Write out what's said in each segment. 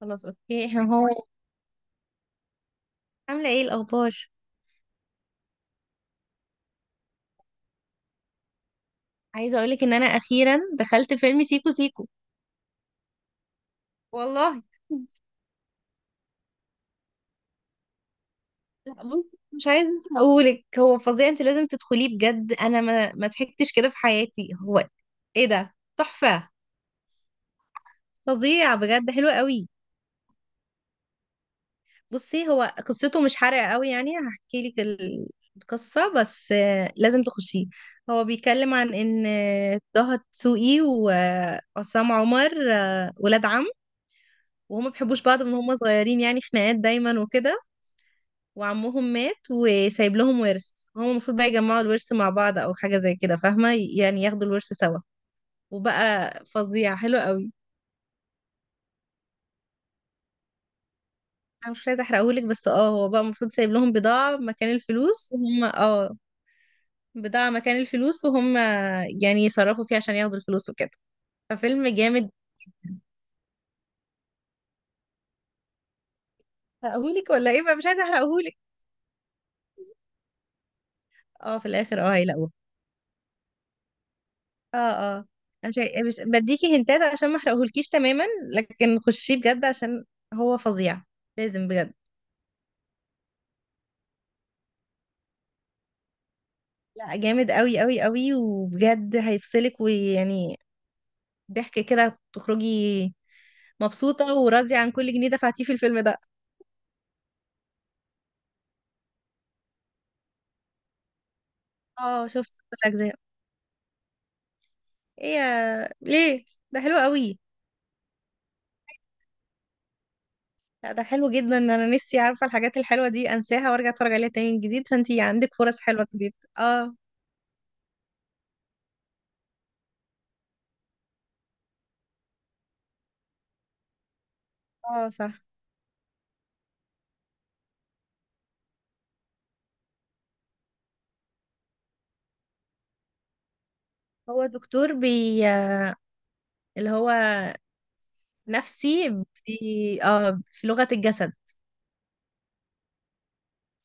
خلاص، اوكي. هو عامله ايه الاخبار؟ عايزه اقولك ان انا اخيرا دخلت فيلم سيكو سيكو. والله. لا بصي، مش عايزه اقولك، هو فظيع، انت لازم تدخليه بجد. انا ما ضحكتش كده في حياتي. هو ايه ده، تحفه، فظيع بجد، حلو قوي. بصي هو قصته مش حرقه قوي يعني، هحكي لك القصه بس لازم تخشيه. هو بيتكلم عن ان طه دسوقي وعصام عمر ولاد عم، وهم ما بيحبوش بعض من هم صغيرين، يعني خناقات دايما وكده. وعمهم مات وسايب لهم ورث، هم المفروض بقى يجمعوا الورث مع بعض او حاجه زي كده، فاهمه؟ يعني ياخدوا الورث سوا. وبقى فظيع، حلو قوي. انا مش عايزه احرقهولك بس اه، هو بقى المفروض سايب لهم بضاعه مكان الفلوس، وهم اه بضاعه مكان الفلوس وهم يعني يصرفوا فيها عشان ياخدوا الفلوس وكده. ففيلم جامد. احرقهولك ولا ايه بقى؟ مش عايزه احرقهولك. اه، في الاخر اه هيلاقوه. اه اه. مش بديكي هنتات عشان ما احرقهولكيش تماما، لكن خشيه بجد عشان هو فظيع، لازم بجد. لا، جامد قوي قوي قوي، وبجد هيفصلك، ويعني ضحك كده تخرجي مبسوطة وراضية عن كل جنيه دفعتيه في الفيلم ده. اه شفت كل الأجزاء. ايه ليه؟ ده حلو قوي. لا ده حلو جدا، انا نفسي عارفة الحاجات الحلوة دي انساها وارجع اتفرج عليها تاني من جديد، فانتي عندك فرص حلوة جديد. اه. اه صح. هو دكتور اللي هو نفسي في، اه، في لغة الجسد.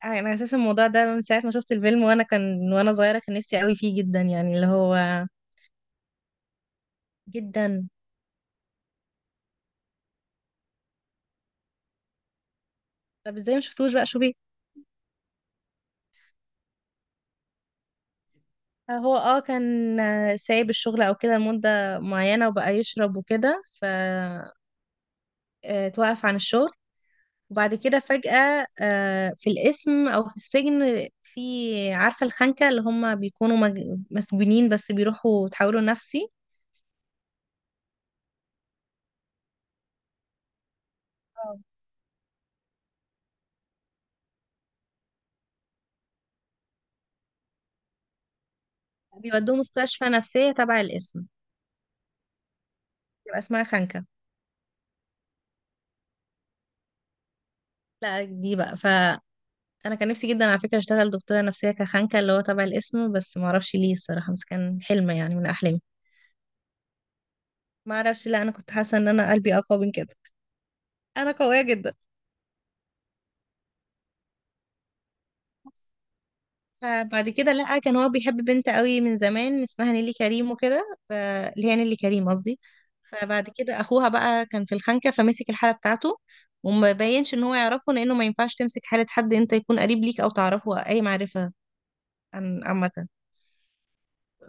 انا اساسا الموضوع ده من ساعة ما شفت الفيلم، وانا كان من وانا صغيرة كان نفسي قوي فيه جدا، يعني اللي هو. جدا. طب ازاي ما شفتوش بقى؟ شو بيه. هو اه كان سايب الشغل او كده لمدة معينة، وبقى يشرب وكده، ف توقف عن الشغل. وبعد كده فجأة في القسم او في السجن، في عارفة الخنكة اللي هم بيكونوا مسجونين بس بيروحوا تحولوا نفسي. آه. بيودوه مستشفى نفسية تبع القسم، يبقى اسمها خانكة. لا دي بقى، فأنا كان نفسي جدا على فكرة أشتغل دكتورة نفسية كخانكة، اللي هو تبع الاسم، بس ما أعرفش ليه الصراحة، بس كان حلم يعني من أحلامي. ما أعرفش، لا أنا كنت حاسة إن أنا قلبي أقوى من كده، أنا قوية جدا. فبعد كده لا، كان هو بيحب بنت قوي من زمان اسمها نيلي كريم وكده اللي هي نيلي كريم قصدي. فبعد كده أخوها بقى كان في الخانكة، فمسك الحالة بتاعته وما بينش إن هو يعرفه، لأنه ما ينفعش تمسك حالة حد أنت يكون قريب ليك أو تعرفه أي معرفة عن عامة.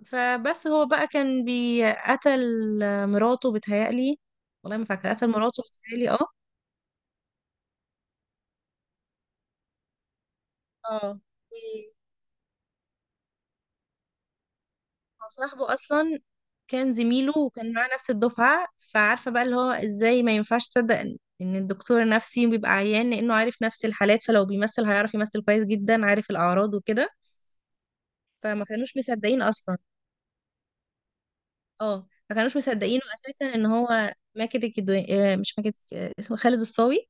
فبس هو بقى كان بيقتل مراته، بتهيألي. والله ما فاكرة، قتل مراته بتهيألي، اه. اه. هو صاحبه اصلا كان زميله وكان معاه نفس الدفعة. فعارفة بقى اللي هو ازاي ما ينفعش تصدق ان إن الدكتور النفسي بيبقى عيان، لانه عارف نفس الحالات، فلو بيمثل هيعرف يمثل كويس جدا، عارف الاعراض وكده. فما كانوش مصدقين اصلا. اه ما كانوش مصدقينه اساسا ان هو ماكد الكدواني، مش ماكد، اسمه خالد الصاوي.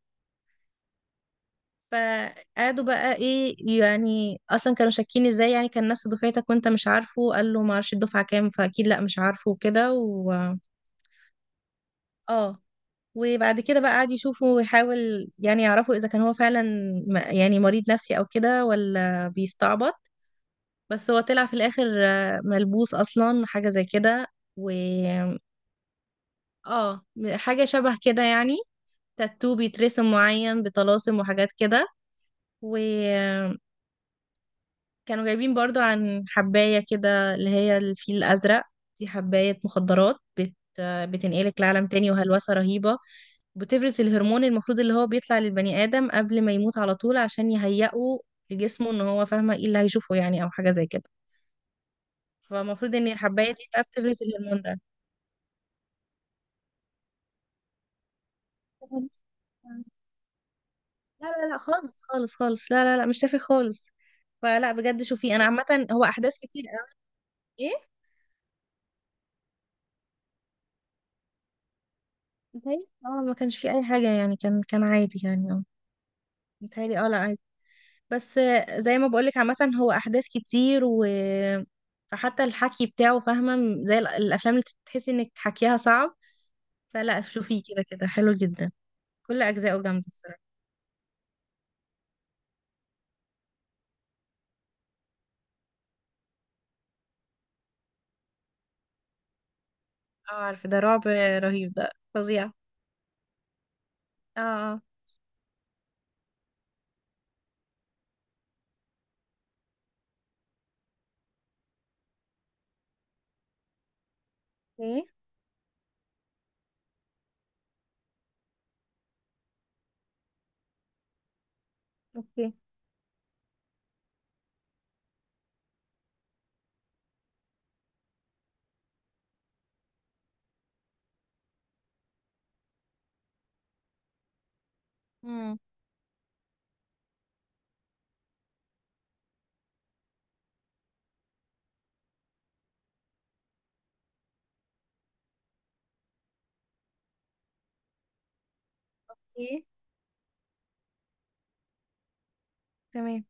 فقعدوا بقى ايه يعني، اصلا كانوا شاكين، ازاي يعني كان نفس دفعتك وانت مش عارفه؟ قال له ما اعرفش الدفعه كام، فاكيد لا مش عارفه وكده. و اه. وبعد كده بقى قعد يشوفه ويحاول يعني يعرفوا اذا كان هو فعلا يعني مريض نفسي او كده، ولا بيستعبط. بس هو طلع في الاخر ملبوس اصلا، حاجه زي كده. و اه، حاجه شبه كده يعني، تاتو بيترسم معين، بطلاسم وحاجات كده. و كانوا جايبين برضو عن حباية كده، اللي هي الفيل الأزرق، دي حباية مخدرات بتنقلك لعالم تاني، وهلوسة رهيبة، بتفرز الهرمون المفروض اللي هو بيطلع للبني آدم قبل ما يموت على طول، عشان يهيئه لجسمه ان هو، فاهمة، ايه اللي هيشوفه يعني، او حاجة زي كده. فالمفروض ان الحباية دي بقى بتفرز الهرمون ده. لا لا لا خالص خالص خالص، لا لا لا مش تافه خالص. فلا بجد شوفي، انا عامة هو احداث كتير قوي. ايه. زي اه، ما كانش فيه اي حاجة يعني، كان عادي يعني. متهيألي، اه، لا عادي. بس زي ما بقولك عامة، هو أحداث كتير، و فحتى الحكي بتاعه، فاهمة، زي الأفلام اللي تحسي إنك حكيها صعب. فلا شوفيه، كده كده حلو جدا، كل أجزائه جامدة الصراحة. اه عارفة ده رعب، رهيب ده، فظيع. اه اه. اوكي. اوكي. امم. اوكي. تمام.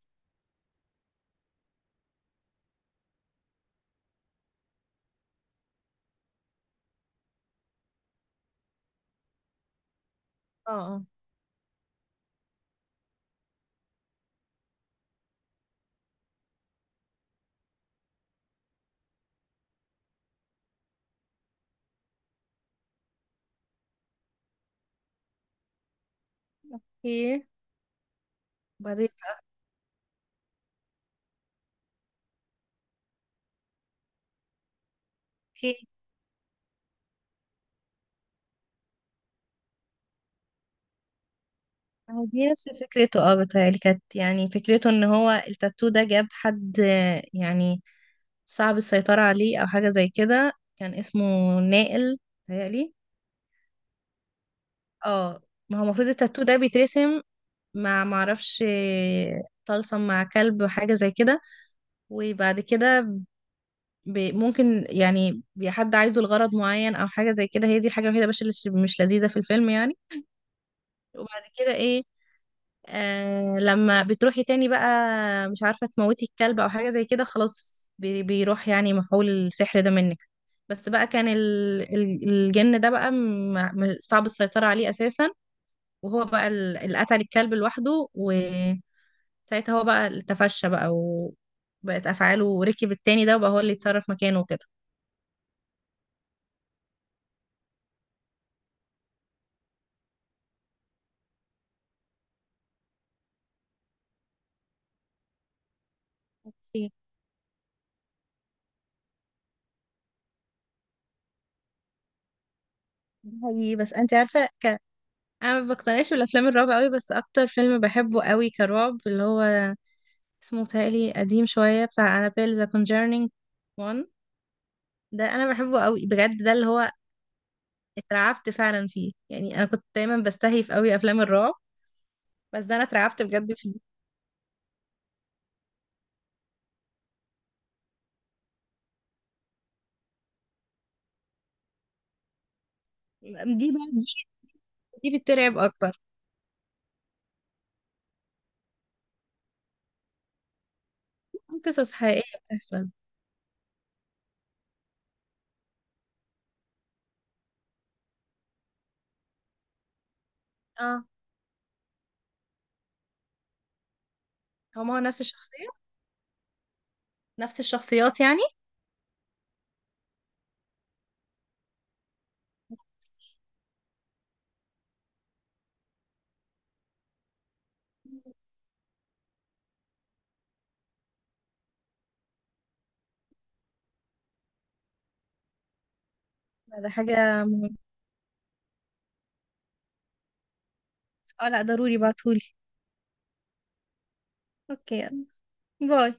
اه اه. اوكي. بعدين. اوكي. دي نفس فكرته، اه بتهيألي كانت يعني فكرته ان هو التاتو ده جاب حد يعني صعب السيطرة عليه أو حاجة زي كده. كان اسمه نائل تهيألي. اه. ما هو المفروض التاتو ده بيترسم، مع، معرفش، طلسم مع كلب وحاجة زي كده. وبعد كده ممكن يعني حد عايزه لغرض معين أو حاجة زي كده. هي دي الحاجة الوحيدة بس اللي مش لذيذة في الفيلم يعني. وبعد كده ايه، آه لما بتروحي تاني بقى، مش عارفة، تموتي الكلب أو حاجة زي كده، خلاص بيروح يعني مفعول السحر ده منك. بس بقى كان الجن ده بقى صعب السيطرة عليه أساسا. وهو بقى اللي قتل الكلب لوحده. وساعتها هو بقى اللي تفشى بقى وبقت أفعاله، وركب التاني ده، وبقى هو اللي يتصرف مكانه وكده. اوكي. ده حقيقي بس انت عارفه انا ما بقتنعش بالافلام الرعب قوي، بس اكتر فيلم بحبه قوي كرعب اللي هو اسمه تالي، قديم شويه، بتاع انابيل ذا كونجرنينج 1. ده انا بحبه قوي بجد، ده اللي هو اترعبت فعلا فيه يعني. انا كنت دايما بستهيف قوي افلام الرعب، بس ده انا اترعبت بجد فيه. دي بقى، دي بترعب اكتر. قصص حقيقيه بتحصل. اه. هو ما هو نفس الشخصيه، نفس الشخصيات يعني. ده حاجه مهمه. اه لا ضروري بعتهولي. اوكي. باي.